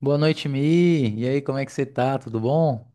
Boa noite, Mi. E aí, como é que você tá? Tudo bom?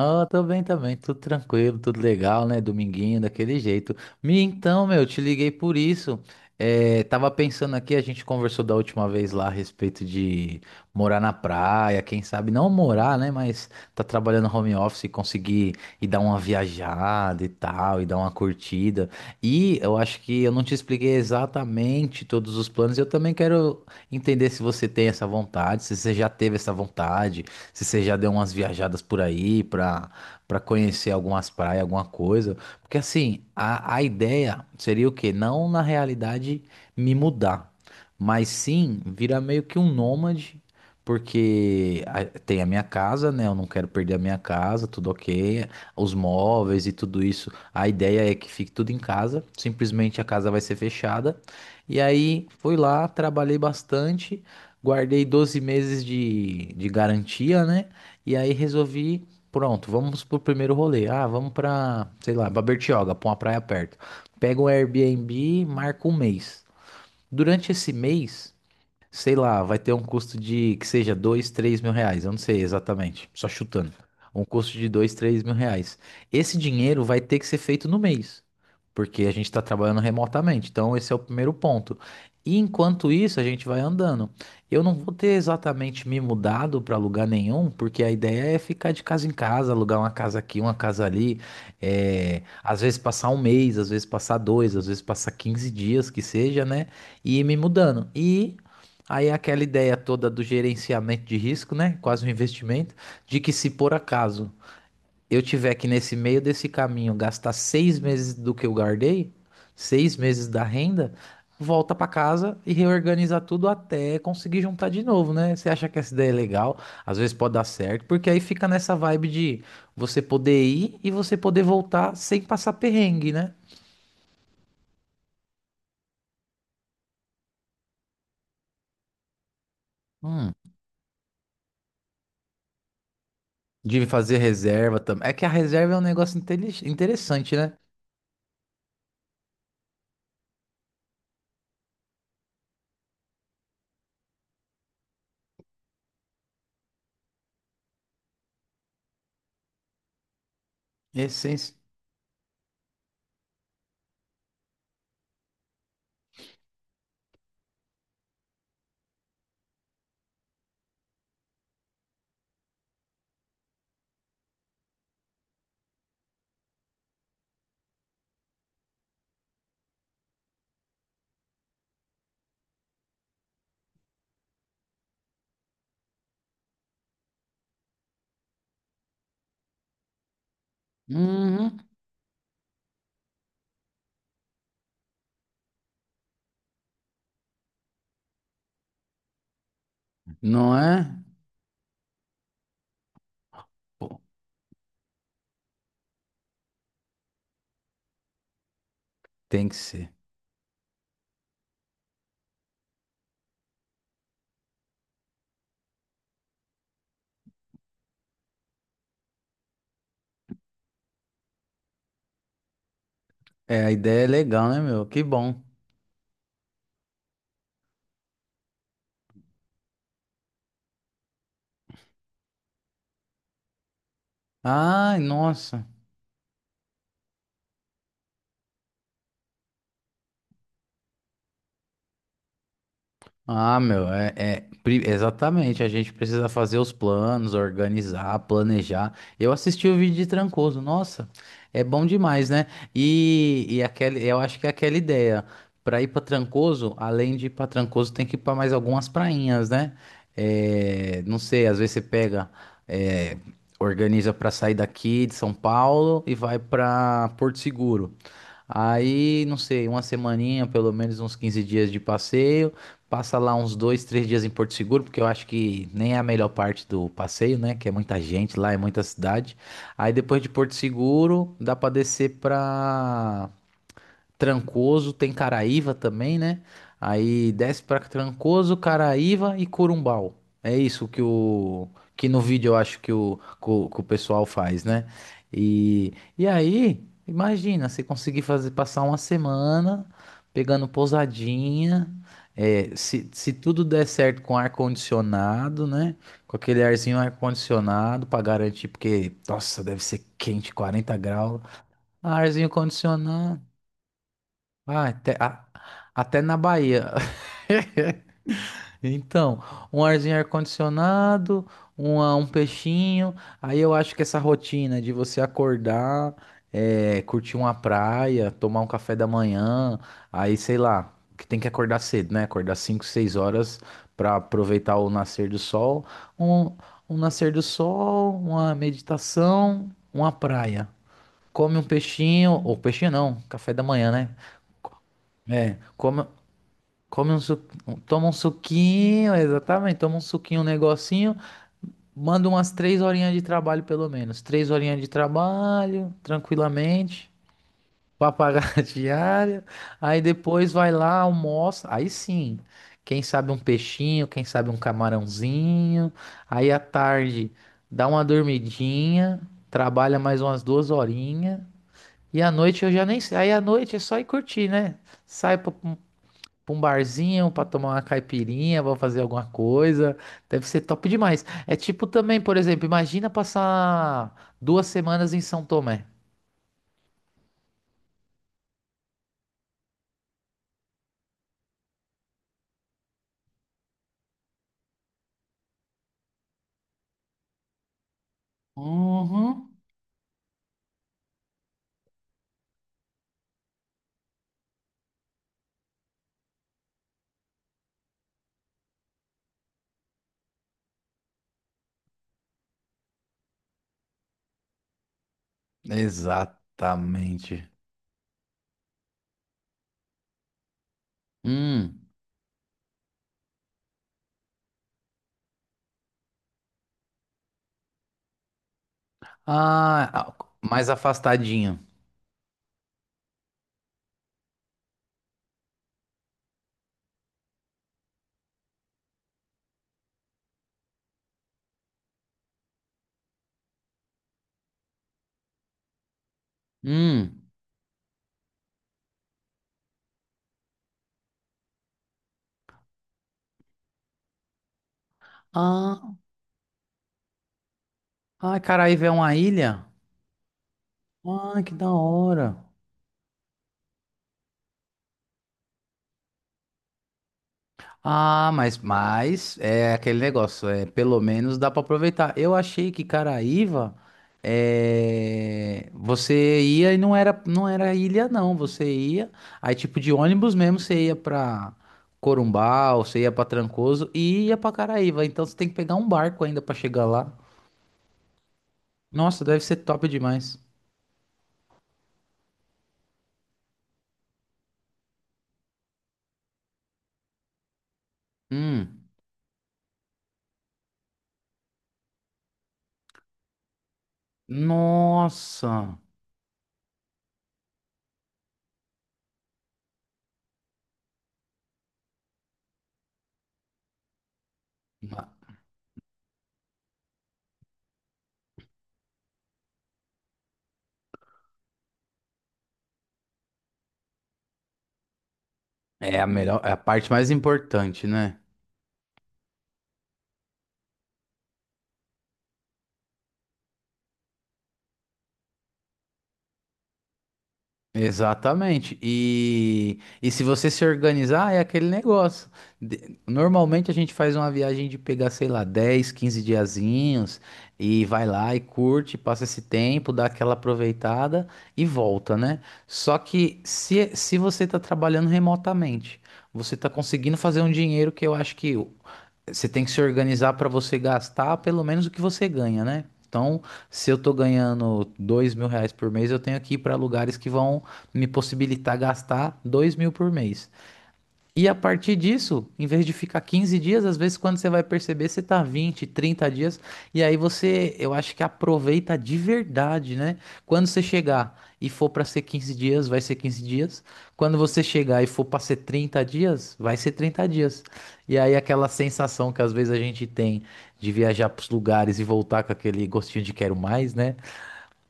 Ah, tô bem também, tudo tranquilo, tudo legal, né? Dominguinho, daquele jeito. Mi, então, meu, te liguei por isso. É, tava pensando aqui, a gente conversou da última vez lá a respeito de morar na praia, quem sabe não morar, né? Mas tá trabalhando home office e conseguir ir dar uma viajada e tal, e dar uma curtida. E eu acho que eu não te expliquei exatamente todos os planos. Eu também quero entender se você tem essa vontade, se você já teve essa vontade, se você já deu umas viajadas por aí pra, pra conhecer algumas praias, alguma coisa. Porque assim, a ideia seria o quê? Não, na realidade, me mudar, mas sim virar meio que um nômade. Porque tem a minha casa, né? Eu não quero perder a minha casa, tudo ok. Os móveis e tudo isso. A ideia é que fique tudo em casa. Simplesmente a casa vai ser fechada. E aí fui lá, trabalhei bastante. Guardei 12 meses de garantia, né? E aí resolvi, pronto, vamos pro primeiro rolê. Ah, vamos pra, sei lá, pra Bertioga, pra uma praia perto. Pego um Airbnb, marco um mês. Durante esse mês, sei lá, vai ter um custo de que seja 2, 3 mil reais, eu não sei exatamente, só chutando. Um custo de 2, 3 mil reais. Esse dinheiro vai ter que ser feito no mês, porque a gente está trabalhando remotamente. Então, esse é o primeiro ponto. E enquanto isso, a gente vai andando. Eu não vou ter exatamente me mudado para lugar nenhum, porque a ideia é ficar de casa em casa, alugar uma casa aqui, uma casa ali. É, às vezes passar um mês, às vezes passar dois, às vezes passar 15 dias, que seja, né? E ir me mudando. E aí é aquela ideia toda do gerenciamento de risco, né? Quase um investimento, de que, se por acaso eu tiver que nesse meio desse caminho gastar 6 meses do que eu guardei, 6 meses da renda, volta para casa e reorganizar tudo até conseguir juntar de novo, né? Você acha que essa ideia é legal? Às vezes pode dar certo, porque aí fica nessa vibe de você poder ir e você poder voltar sem passar perrengue, né? Hum. De fazer reserva também. É que a reserva é um negócio interessante, né? Essen- Uhum. Não é? Pô, tem que ser. É, a ideia é legal, né, meu? Que bom. Ai, nossa. Ah, meu, é exatamente. A gente precisa fazer os planos, organizar, planejar. Eu assisti o vídeo de Trancoso, nossa, é bom demais, né? E aquele, eu acho que é aquela ideia. Pra ir pra Trancoso, além de ir pra Trancoso, tem que ir pra mais algumas prainhas, né? É, não sei, às vezes você pega, é, organiza pra sair daqui de São Paulo e vai pra Porto Seguro. Aí, não sei, uma semaninha, pelo menos uns 15 dias de passeio. Passa lá uns dois, três dias em Porto Seguro, porque eu acho que nem é a melhor parte do passeio, né? Que é muita gente lá, é muita cidade. Aí depois de Porto Seguro, dá pra descer pra Trancoso, tem Caraíva também, né? Aí desce pra Trancoso, Caraíva e Corumbau. É isso que o, que no vídeo eu acho que o pessoal faz, né? E, e aí, imagina, você conseguir fazer passar uma semana pegando pousadinha, é, se tudo der certo com ar-condicionado, né? Com aquele arzinho ar-condicionado pra garantir, porque, nossa, deve ser quente, 40 graus. Arzinho condicionado. Ah, até na Bahia. Então, um arzinho ar-condicionado, um peixinho. Aí eu acho que essa rotina de você acordar, curtir uma praia, tomar um café da manhã, aí sei lá, que tem que acordar cedo, né? Acordar 5, 6 horas para aproveitar o nascer do sol. Um, um nascer do sol, uma meditação, uma praia. Come um peixinho, ou peixinho não, café da manhã, né? É, come, come um toma um suquinho, exatamente. Toma um suquinho, um negocinho. Manda umas 3 horinhas de trabalho, pelo menos. 3 horinhas de trabalho, tranquilamente, pra pagar a diária. Aí depois vai lá, almoça. Aí sim, quem sabe um peixinho, quem sabe um camarãozinho. Aí à tarde dá uma dormidinha, trabalha mais umas 2 horinhas. E à noite eu já nem sei. Aí à noite é só ir curtir, né? Sai pra um, pra um barzinho, pra tomar uma caipirinha, pra fazer alguma coisa. Deve ser top demais. É tipo também, por exemplo, imagina passar 2 semanas em São Tomé. Uhum. Exatamente. Hum. Ah, ah, mais afastadinho. Hum. Ah, ah, Caraíva é uma ilha? Ah, que da hora. Ah, mas é aquele negócio, é, pelo menos dá pra aproveitar. Eu achei que Caraíva, é, você ia e não era, não era ilha não, você ia, aí tipo de ônibus mesmo, você ia pra Corumbau, você ia pra Trancoso e ia pra Caraíva, então você tem que pegar um barco ainda pra chegar lá. Nossa, deve ser top demais. Hum, nossa. É a melhor, é a parte mais importante, né? Exatamente. E se você se organizar, é aquele negócio. Normalmente a gente faz uma viagem de pegar, sei lá, 10, 15 diazinhos e vai lá e curte, passa esse tempo, dá aquela aproveitada e volta, né? Só que se você está trabalhando remotamente, você está conseguindo fazer um dinheiro que eu acho que você tem que se organizar para você gastar pelo menos o que você ganha, né? Então, se eu tô ganhando 2 mil reais por mês, eu tenho que ir para lugares que vão me possibilitar gastar 2 mil por mês. E a partir disso, em vez de ficar 15 dias, às vezes, quando você vai perceber, você tá 20, 30 dias, e aí você, eu acho que aproveita de verdade, né? Quando você chegar e for para ser 15 dias, vai ser 15 dias. Quando você chegar e for para ser 30 dias, vai ser 30 dias. E aí aquela sensação que às vezes a gente tem de viajar para os lugares e voltar com aquele gostinho de quero mais, né?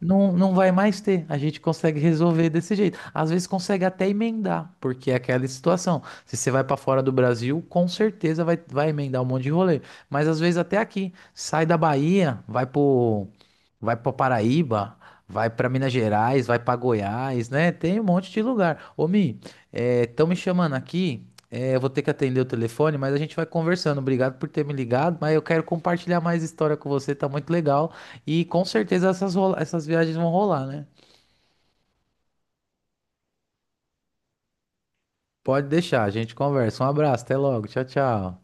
Não, não vai mais ter. A gente consegue resolver desse jeito. Às vezes consegue até emendar, porque é aquela situação. Se você vai para fora do Brasil, com certeza vai, emendar um monte de rolê. Mas às vezes até aqui. Sai da Bahia, vai pro, vai para Paraíba, vai para Minas Gerais, vai para Goiás, né? Tem um monte de lugar. Ô, Mi, estão me chamando aqui. É, eu vou ter que atender o telefone, mas a gente vai conversando. Obrigado por ter me ligado, mas eu quero compartilhar mais história com você, tá muito legal. E com certeza essas, essas viagens vão rolar, né? Pode deixar, a gente conversa. Um abraço, até logo. Tchau, tchau.